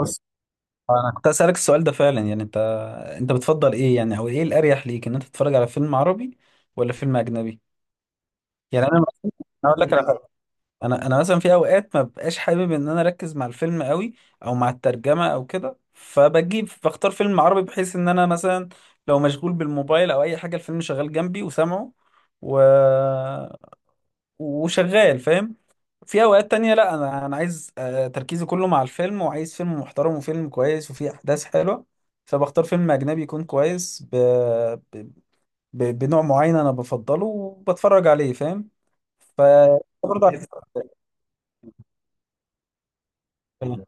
بص، انا كنت اسالك السؤال ده فعلا، يعني انت بتفضل ايه يعني، او ايه الاريح ليك ان انت تتفرج على فيلم عربي ولا فيلم اجنبي؟ يعني انا مثلا، أنا اقول لك على حاجة. انا مثلا في اوقات ما ببقاش حابب ان انا اركز مع الفيلم قوي، او مع الترجمه او كده، فبجيب بختار فيلم عربي بحيث ان انا مثلا لو مشغول بالموبايل او اي حاجه، الفيلم شغال جنبي وسامعه و... وشغال، فاهم؟ في اوقات تانية لا، انا عايز تركيزي كله مع الفيلم، وعايز فيلم محترم وفيلم كويس وفيه احداث حلوة. فبختار فيلم اجنبي يكون كويس ب... ب... ب... بنوع معين انا بفضله وبتفرج عليه، فاهم؟ ف برضه على حسب الفيلم.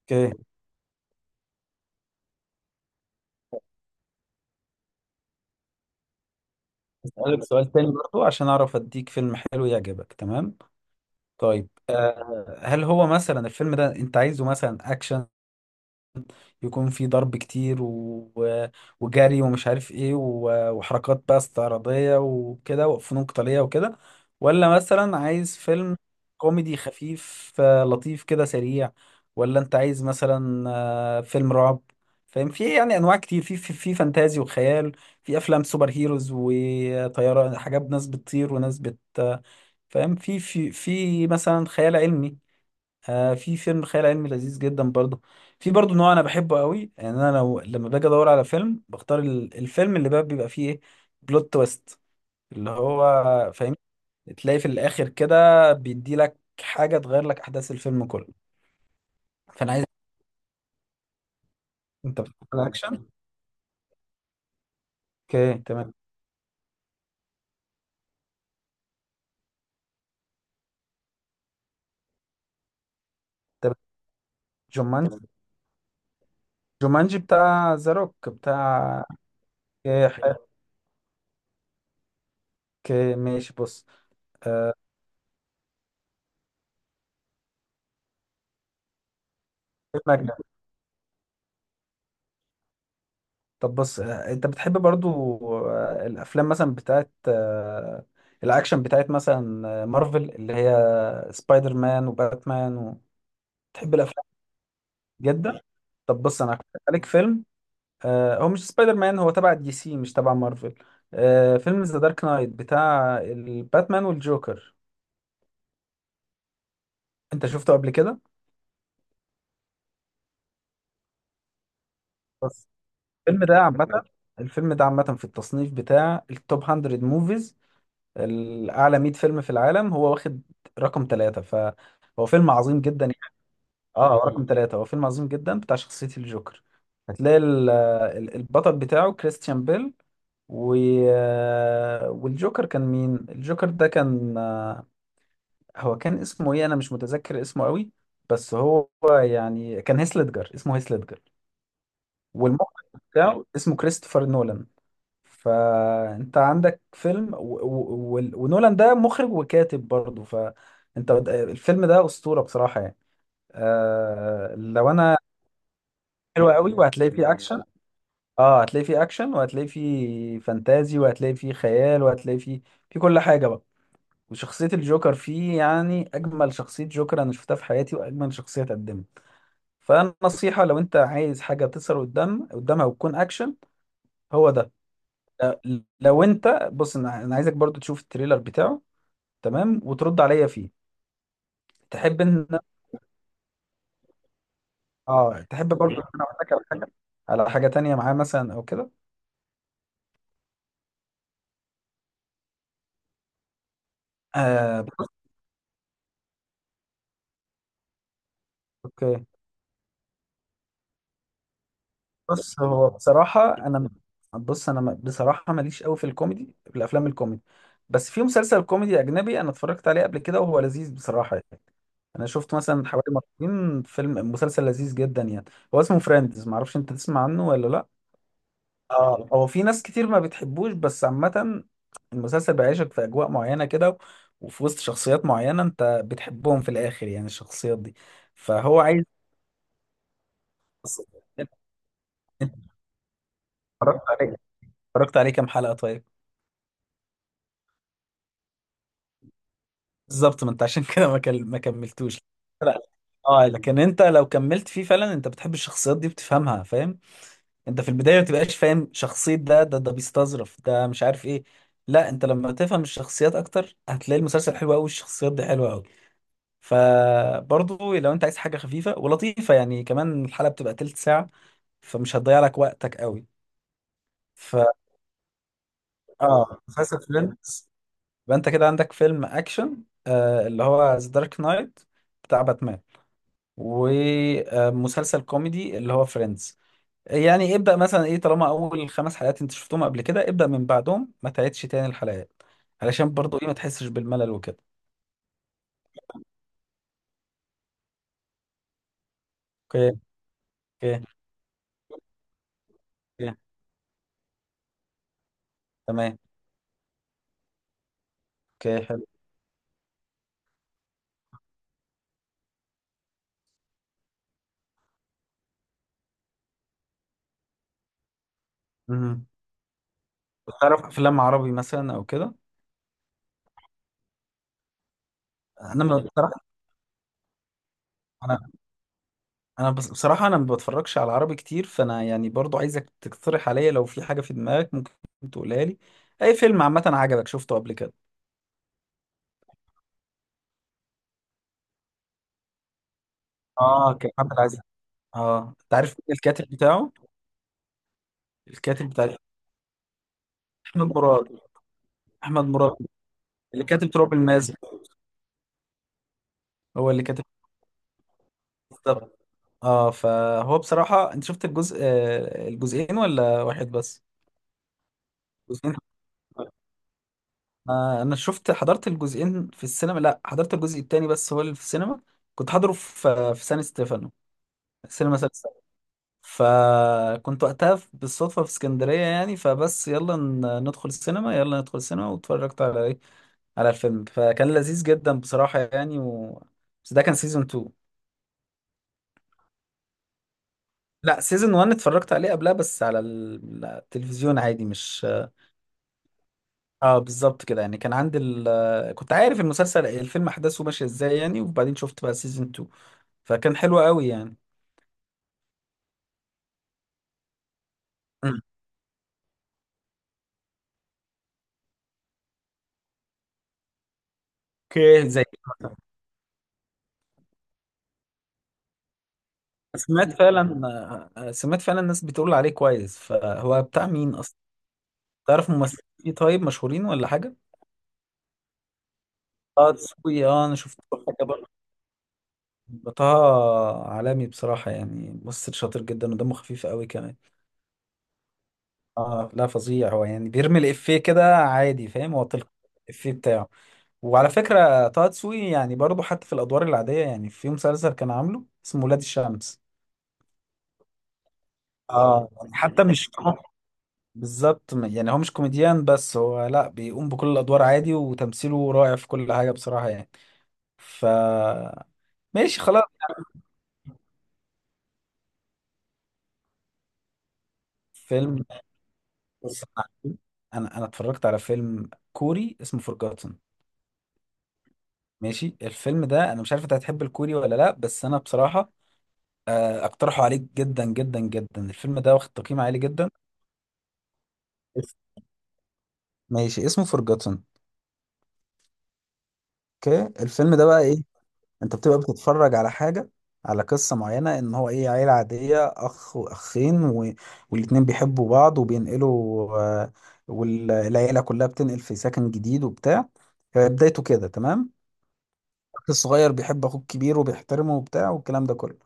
اوكي. اسالك سؤال تاني برضه عشان اعرف اديك فيلم حلو يعجبك، تمام؟ طيب، هل هو مثلا الفيلم ده انت عايزه مثلا اكشن، يكون في ضرب كتير و... وجري ومش عارف ايه و... وحركات بقى استعراضية وكده وفنون قتالية وكده، ولا مثلا عايز فيلم كوميدي خفيف لطيف كده سريع، ولا انت عايز مثلا فيلم رعب، فاهم؟ في يعني انواع كتير، في فانتازي وخيال، في افلام سوبر هيروز وطيارة، حاجات ناس بتطير وناس بت آه، فاهم؟ في مثلا خيال علمي، آه في فيلم خيال علمي لذيذ جدا برضو. في برضو نوع انا بحبه قوي، يعني انا لو لما باجي ادور على فيلم بختار ال- الفيلم اللي بقى بيبقى فيه ايه، بلوت تويست. اللي هو، فاهم، تلاقي في الاخر كده بيدي لك حاجه تغير لك احداث الفيلم كله. فانا عايز. انت بتحب الاكشن؟ اوكي تمام. طب، جومانجي. جومانجي بتاع ذا روك بتاع. اوكي حلو. اوكي ماشي بص. آه، فيلم أجنبي. طب بص، انت بتحب برضو الافلام مثلا بتاعت الاكشن، بتاعت مثلا مارفل، اللي هي سبايدر مان وباتمان بتحب الافلام جدا. طب بص انا هقترح عليك فيلم، هو مش سبايدر مان، هو تبع دي سي مش تبع مارفل. فيلم ذا دارك نايت بتاع الباتمان والجوكر. انت شفته قبل كده؟ بس الفيلم ده عامة الفيلم ده عامة في التصنيف بتاع التوب 100 موفيز، الأعلى 100 فيلم في العالم، هو واخد رقم ثلاثة، فهو فيلم عظيم جدا يعني. اه هو رقم ثلاثة، هو فيلم عظيم جدا بتاع شخصية الجوكر. هتلاقي ال- ال- البطل بتاعه كريستيان بيل و... آه، والجوكر كان مين؟ الجوكر ده كان هو كان اسمه ايه، انا مش متذكر اسمه قوي بس هو يعني كان هيث ليدجر، اسمه هيث ليدجر. والمخرج بتاعه اسمه كريستوفر نولان. فانت عندك فيلم و... و... و... ونولان ده مخرج وكاتب برضه، فانت الفيلم ده اسطوره بصراحه يعني. آه... لو انا حلو قوي وهتلاقي فيه اكشن. اه هتلاقي فيه اكشن وهتلاقي فيه فانتازي وهتلاقي فيه خيال وهتلاقي فيه، في كل حاجه بقى. وشخصيه الجوكر فيه يعني اجمل شخصيه جوكر انا شفتها في حياتي، واجمل شخصيه اتقدمت. فالنصيحه لو انت عايز حاجه تظهر قدامها وتكون اكشن، هو ده. لو انت، بص أنا عايزك برضو تشوف التريلر بتاعه، تمام، وترد عليا فيه. تحب ان، اه تحب برضه ان انا اقول لك على حاجه تانية معاه مثلا او كده؟ بص. اوكي. بص هو بصراحه انا، بص انا بصراحه ماليش قوي في الكوميدي، في الافلام الكوميدي. بس في مسلسل كوميدي اجنبي انا اتفرجت عليه قبل كده وهو لذيذ بصراحه يعني. انا شفت مثلا حوالي مرتين فيلم مسلسل لذيذ جدا يعني، هو اسمه فريندز، معرفش انت تسمع عنه ولا لا. اه، هو في ناس كتير ما بتحبوش بس عامة المسلسل بيعيشك في أجواء معينة كده، وفي وسط شخصيات معينة أنت بتحبهم في الآخر، يعني الشخصيات دي. فهو عايز. أنت اتفرجت عليه اتفرجت عليه كام حلقة طيب؟ بالظبط. ما أنت عشان كده ما ما كملتوش. لا. اه، لكن أنت لو كملت فيه فعلا أنت بتحب الشخصيات دي بتفهمها، فاهم؟ أنت في البداية ما بتبقاش فاهم شخصية ده بيستظرف، ده مش عارف إيه. لا، أنت لما تفهم الشخصيات أكتر هتلاقي المسلسل حلو أوي والشخصيات دي حلوة أوي. فبرضو لو انت عايز حاجه خفيفه ولطيفه، يعني كمان الحلقه بتبقى تلت ساعه، فمش هتضيع لك وقتك قوي. ف اه، مسلسل فريندز. يبقى انت كده عندك فيلم اكشن، آه اللي هو ذا دارك نايت بتاع باتمان، ومسلسل كوميدي اللي هو فريندز. يعني ابدأ مثلا ايه، طالما اول خمس حلقات انت شفتهم قبل كده ابدأ من بعدهم، ما تعيدش تاني الحلقات، علشان برضو ايه ما تحسش بالملل وكده. اوكي. اوكي. اوكي تمام. اوكي حلو. مهم. بتعرف افلام عربي مثلا او كده؟ انا بصراحه، انا انا بصراحه انا ما بتفرجش على عربي كتير، فانا يعني برضو عايزك تقترح عليا لو في حاجه في دماغك ممكن تقولها لي. اي فيلم عامه عجبك شفته قبل كده؟ اه كريم عبد العزيز. اه، انت عارف مين الكاتب بتاعه؟ الكاتب بتاع. احمد مراد. احمد مراد اللي كاتب تراب الماس هو اللي كاتب. بالظبط. اه فهو بصراحه، انت شفت الجزء الجزئين ولا واحد بس؟ جزئين. انا شفت حضرت الجزئين في السينما، لا حضرت الجزء التاني بس هو اللي في السينما. كنت حاضره في سان ستيفانو، السينما سان ستيفانو. فكنت وقتها بالصدفة في اسكندرية يعني، فبس يلا ندخل السينما، يلا ندخل السينما، واتفرجت على ايه، على الفيلم، فكان لذيذ جدا بصراحة يعني. بس ده كان سيزون 2. لا سيزون 1 اتفرجت عليه قبلها بس على ال- التلفزيون عادي، مش. اه بالظبط كده يعني، كان عندي كنت عارف المسلسل، الفيلم احداثه ماشية ازاي يعني، وبعدين شفت بقى سيزون 2 فكان حلو قوي يعني. مم. اوكي زي. سمعت فعلا سمعت فعلا الناس بتقول عليه كويس. فهو بتاع مين اصلا؟ تعرف ممثلين فيه طيب مشهورين ولا حاجه؟ اه تسوقي، اه انا شفت له حاجه برضه. طه عالمي بصراحه يعني، ممثل شاطر جدا ودمه خفيف قوي كمان. اه لا فظيع هو يعني، بيرمي الافيه كده عادي، فاهم، هو تلقى الافيه بتاعه. وعلى فكره طه دسوقي يعني برضه حتى في الادوار العاديه، يعني في مسلسل كان عامله اسمه ولاد الشمس. اه يعني حتى مش. بالظبط يعني هو مش كوميديان بس، هو لا بيقوم بكل الادوار عادي وتمثيله رائع في كل حاجه بصراحه يعني. ف ماشي خلاص. فيلم. بص، انا اتفرجت على فيلم كوري اسمه فورجاتن. ماشي، الفيلم ده انا مش عارف انت هتحب الكوري ولا لا، بس انا بصراحه اقترحه عليك جدا جدا جدا، الفيلم ده واخد تقييم عالي جدا. ماشي اسمه فورجاتن. اوكي. الفيلم ده بقى ايه، انت بتبقى بتتفرج على حاجة، على قصة معينة ان هو ايه، عيلة عادية، اخ واخين و... والاتنين بيحبوا بعض وبينقلوا، والعيلة كلها بتنقل في سكن جديد وبتاع. بدايته كده، تمام. اخ الصغير بيحب اخوه الكبير وبيحترمه وبتاع والكلام ده كله.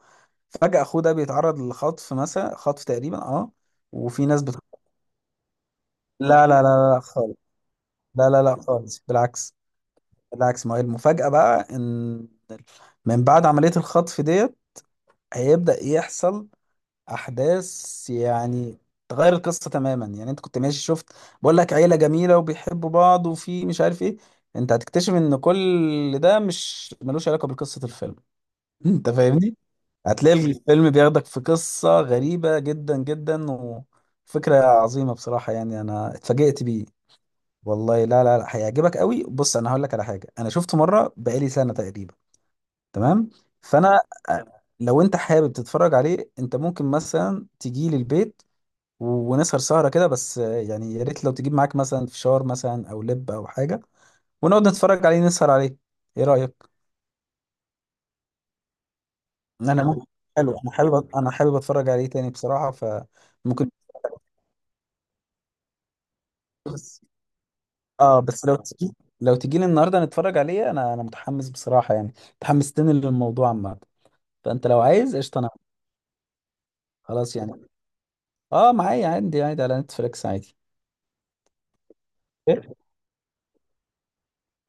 فجأة اخوه ده بيتعرض للخطف مثلا، خطف تقريبا، اه. وفي ناس لا لا لا لا خالص. لا لا لا خالص، بالعكس. بالعكس، ما هي المفاجأة بقى، ان من بعد عملية الخطف ديت هيبدأ يحصل احداث يعني تغير القصه تماما، يعني انت كنت ماشي شفت، بقول لك عيله جميله وبيحبوا بعض وفي مش عارف ايه. انت هتكتشف ان كل ده مش ملوش علاقه بقصه الفيلم. انت فاهمني؟ هتلاقي الفيلم بياخدك في قصه غريبه جدا جدا وفكره عظيمه بصراحه يعني انا اتفاجئت بيه. والله لا لا لا هيعجبك قوي. بص انا هقول لك على حاجه، انا شفته مره بقالي سنه تقريبا، تمام. فانا لو انت حابب تتفرج عليه، انت ممكن مثلا تجي لي البيت و- ونسهر سهرة كده. بس يعني يا ريت لو تجيب معاك مثلا فشار مثلا أو لب أو حاجة، ونقعد نتفرج عليه نسهر عليه. إيه رأيك؟ أنا ممكن. حلو، أنا حابب أتفرج عليه تاني بصراحة فممكن. بس بس لو تجي لي النهاردة نتفرج عليه. أنا متحمس بصراحة يعني، متحمستني للموضوع عامة. فأنت لو عايز قشطة أنا. خلاص يعني، معايا عندي عادي على نتفليكس عادي. إيه؟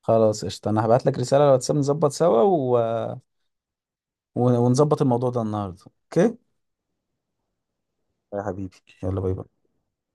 خلاص قشطة، أنا هبعت لك رسالة على الواتساب نظبط سوا و... ونظبط الموضوع ده النهاردة، أوكي؟ يا حبيبي، يلا باي باي.